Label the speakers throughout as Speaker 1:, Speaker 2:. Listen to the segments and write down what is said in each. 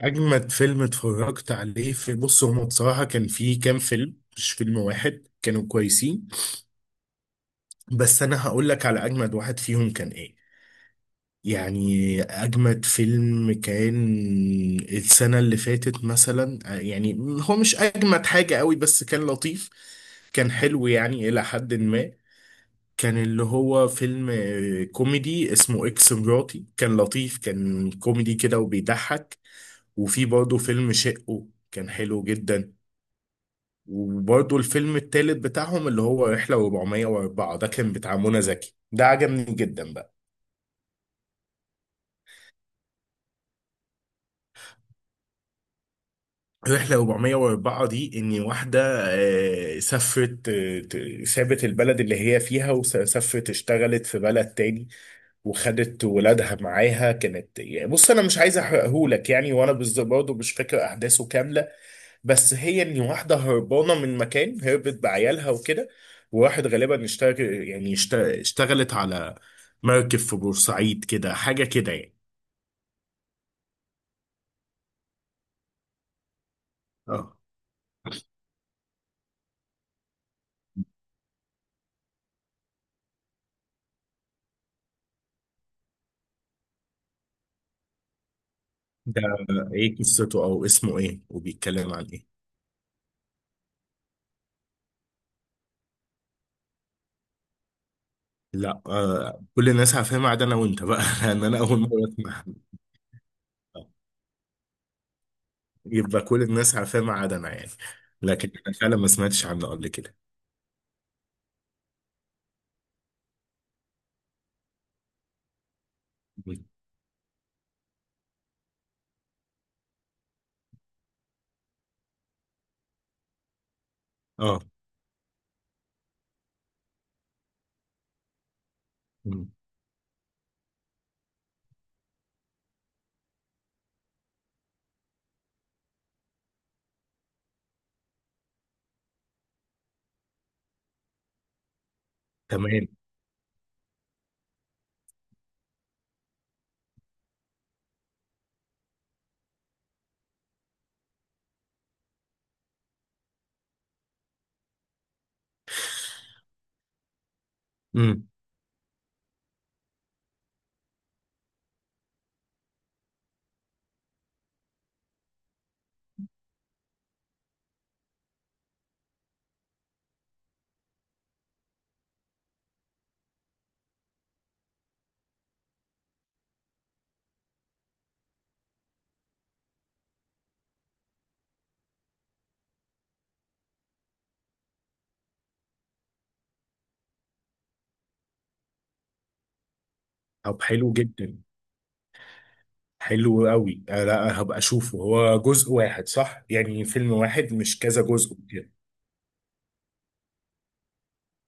Speaker 1: أجمد فيلم اتفرجت عليه بص، هما بصراحة كان فيه كام فيلم، مش فيلم واحد، كانوا كويسين. بس أنا هقول لك على أجمد واحد فيهم كان إيه. يعني أجمد فيلم كان السنة اللي فاتت مثلا يعني هو مش أجمد حاجة قوي بس كان لطيف، كان حلو يعني إلى حد ما. كان اللي هو فيلم كوميدي اسمه إكس مراتي، كان لطيف، كان كوميدي كده وبيضحك. وفي برضه فيلم شقه كان حلو جدا. وبرضه الفيلم التالت بتاعهم اللي هو رحلة 404، ده كان بتاع منى زكي، ده عجبني جدا بقى. رحلة 404 دي إن واحدة سافرت، سابت البلد اللي هي فيها وسافرت اشتغلت في بلد تاني، وخدت ولادها معاها. كانت يعني بص، انا مش عايز احرقهولك يعني، وانا بالظبط برضه مش فاكر احداثه كامله. بس هي ان واحده هربانه من مكان، هربت بعيالها وكده. وواحد غالبا اشتغل، يعني اشتغلت على مركب في بورسعيد كده، حاجه كده يعني. اه، ده ايه قصته؟ او اسمه ايه وبيتكلم عن ايه؟ لا آه، كل الناس عارفاه ما عدا انا وانت بقى لان انا اول مره اسمعها. يبقى كل الناس عارفاه ما عدا انا يعني. لكن انا فعلا ما سمعتش عنه قبل كده. اه. مم. تمام. امم. طب حلو جدا. حلو قوي، آه لا هبقى اشوفه. هو جزء واحد صح يعني؟ فيلم واحد مش كذا جزء كده؟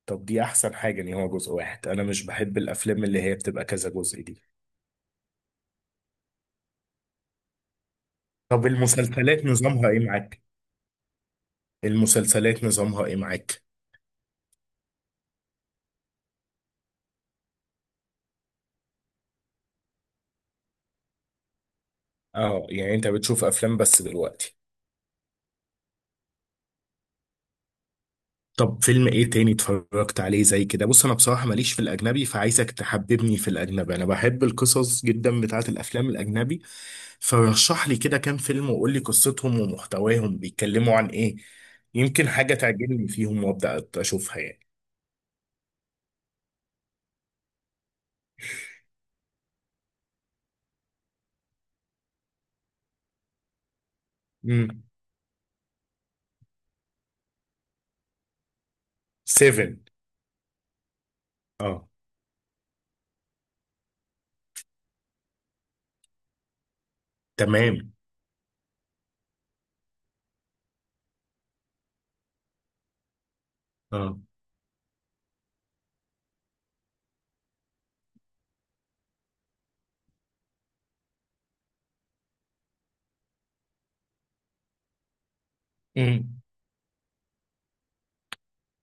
Speaker 1: طب دي احسن حاجة ان هو جزء واحد، انا مش بحب الافلام اللي هي بتبقى كذا جزء دي. طب المسلسلات نظامها ايه معاك؟ المسلسلات نظامها ايه معاك؟ اه، يعني انت بتشوف افلام بس دلوقتي؟ طب فيلم ايه تاني اتفرجت عليه زي كده؟ بص انا بصراحة ماليش في الاجنبي، فعايزك تحببني في الاجنبي. انا بحب القصص جدا بتاعة الافلام الاجنبي، فرشح لي كده كام فيلم وقول لي قصتهم ومحتواهم بيتكلموا عن ايه. يمكن حاجة تعجبني فيهم وابدا اشوفها يعني. امم. سيفن. اه. تمام. اه. امم.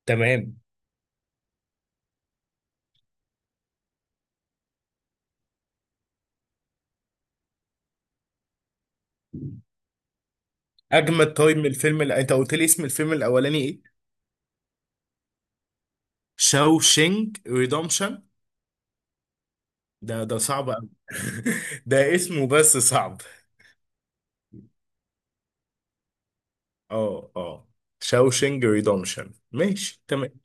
Speaker 1: تمام. اجمد. طيب من الفيلم اللي انت قلت لي، اسم الفيلم الاولاني ايه؟ شاوشينج ريدومشن. ده ده صعب قوي ده اسمه بس صعب. اه اه، شاوشنج ريدومشن، ماشي تمام.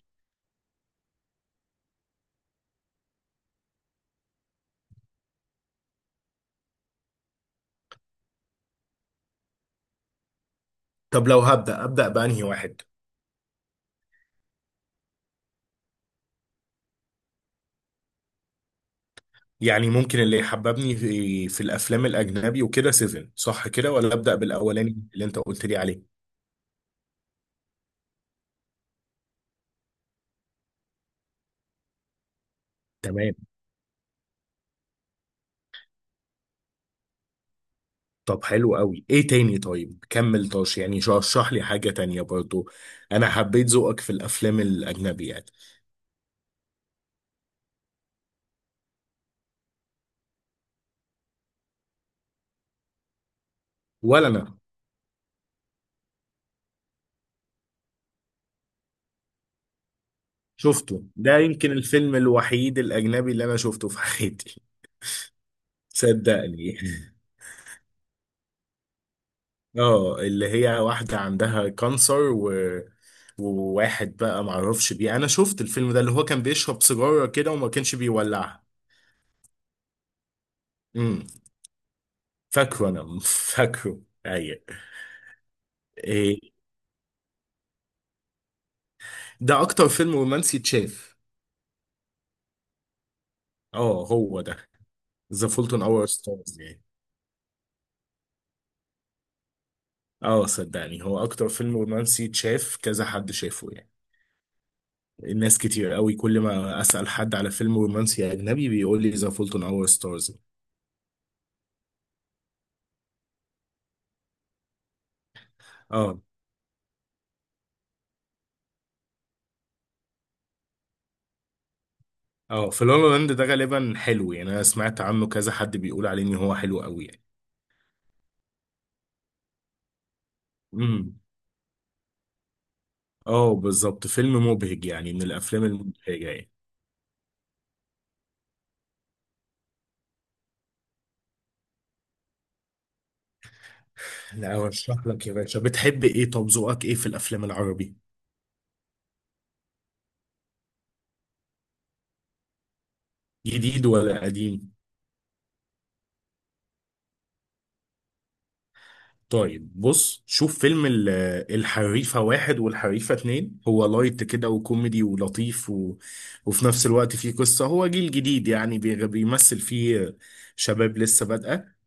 Speaker 1: طب لو هبدأ أبدأ بأنهي واحد؟ يعني ممكن اللي يحببني في الأفلام الأجنبي وكده سيفن صح كده؟ ولا أبدأ بالأولاني اللي أنت قلت لي عليه؟ تمام. طب حلو قوي، ايه تاني طيب؟ كمل طاش يعني، رشح لي حاجة تانية برضو. انا حبيت ذوقك في الافلام الاجنبي يعني. ولا انا. شفته ده، يمكن الفيلم الوحيد الاجنبي اللي انا شفته في حياتي، صدقني اه، اللي هي واحدة عندها كانسر و... وواحد بقى معرفش بيه. انا شفت الفيلم ده اللي هو كان بيشرب سيجارة كده وما كانش بيولعها. امم. فاكره انا فاكره. ايوه. إيه. ده اكتر فيلم رومانسي اتشاف. اه هو ده. ذا فولت ان اور ستارز يعني. اه صدقني، هو اكتر فيلم رومانسي اتشاف، كذا حد شافه يعني. الناس كتير قوي، كل ما اسأل حد على فيلم رومانسي اجنبي بيقول لي ذا فولت ان اور ستارز. اه، في لا لا لاند ده غالبا حلو يعني، انا سمعت عنه كذا حد بيقول عليه ان هو حلو قوي يعني. امم. اه بالظبط، فيلم مبهج يعني، من الافلام المبهجه يعني. لا ارشح لك يا باشا، بتحب ايه؟ طب ذوقك ايه في الافلام العربي؟ جديد ولا قديم؟ طيب بص، شوف فيلم الحريفه واحد والحريفه اتنين. هو لايت كده وكوميدي ولطيف و... وفي نفس الوقت فيه قصه. هو جيل جديد يعني بيمثل فيه شباب لسه بادئه.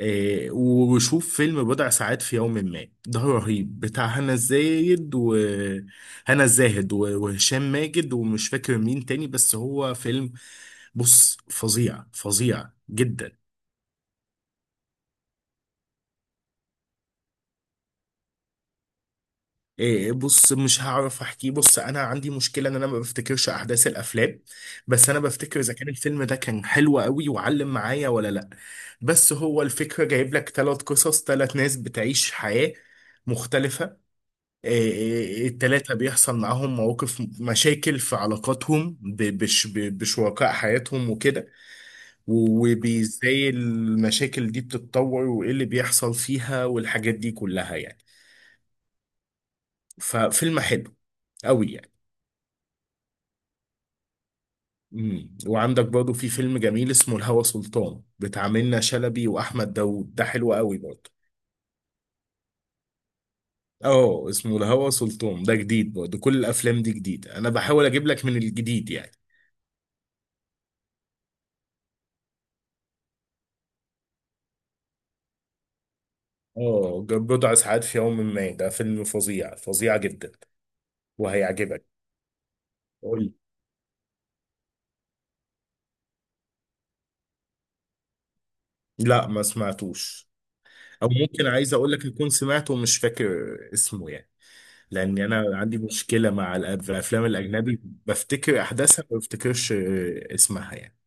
Speaker 1: وشوف فيلم بضع ساعات في يوم ما، ده رهيب. بتاع هنا الزاهد وهنا الزاهد و- وهشام ماجد ومش فاكر مين تاني، بس هو فيلم، بص، فظيع فظيع جدا. إيه بص، مش هعرف احكيه. بص انا عندي مشكله ان انا ما بفتكرش احداث الافلام، بس انا بفتكر اذا كان الفيلم ده كان حلو قوي وعلم معايا ولا لا. بس هو الفكره جايب لك ثلاث قصص، ثلاث ناس بتعيش حياه مختلفه. التلاتة بيحصل معاهم مواقف، مشاكل في علاقاتهم بشركاء حياتهم وكده. و- وبإزاي المشاكل دي بتتطور وإيه اللي بيحصل فيها والحاجات دي كلها يعني. ففيلم حلو قوي يعني. مم. وعندك برضه في فيلم جميل اسمه الهوى سلطان، بتاع منة شلبي وأحمد داوود، ده حلو قوي برضه. اه اسمه الهوى سلطان، ده جديد برضه، كل الأفلام دي جديدة، أنا بحاول أجيب لك من الجديد يعني. اه بضع ساعات في يوم ما ده فيلم فظيع فظيع جدا، وهيعجبك. قول لي. لا ما سمعتوش. او ممكن، عايز اقول لك يكون سمعته ومش فاكر اسمه يعني، لان انا عندي مشكله مع الافلام الاجنبي، بفتكر احداثها ما بفتكرش اسمها يعني.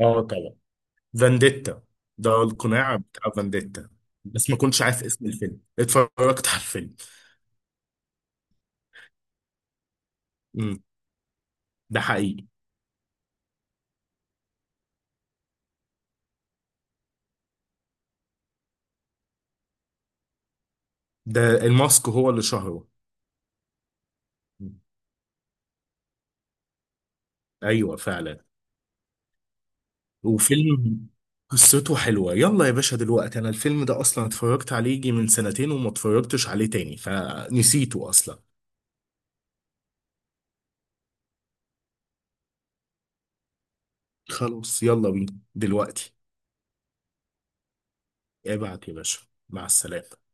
Speaker 1: اه طبعا، فانديتا، ده القناع بتاع فانديتا، بس ما كنتش عارف اسم الفيلم، اتفرجت على الفيلم. امم. ده حقيقي. ده الماسك هو اللي شهره. مم. ايوه فعلا. وفيلم قصته حلوة. يلا يا باشا دلوقتي، أنا الفيلم ده أصلا اتفرجت عليه يجي من سنتين وما اتفرجتش عليه تاني فنسيته أصلا. خلاص يلا بينا دلوقتي. ابعت يا باشا. مع السلامة.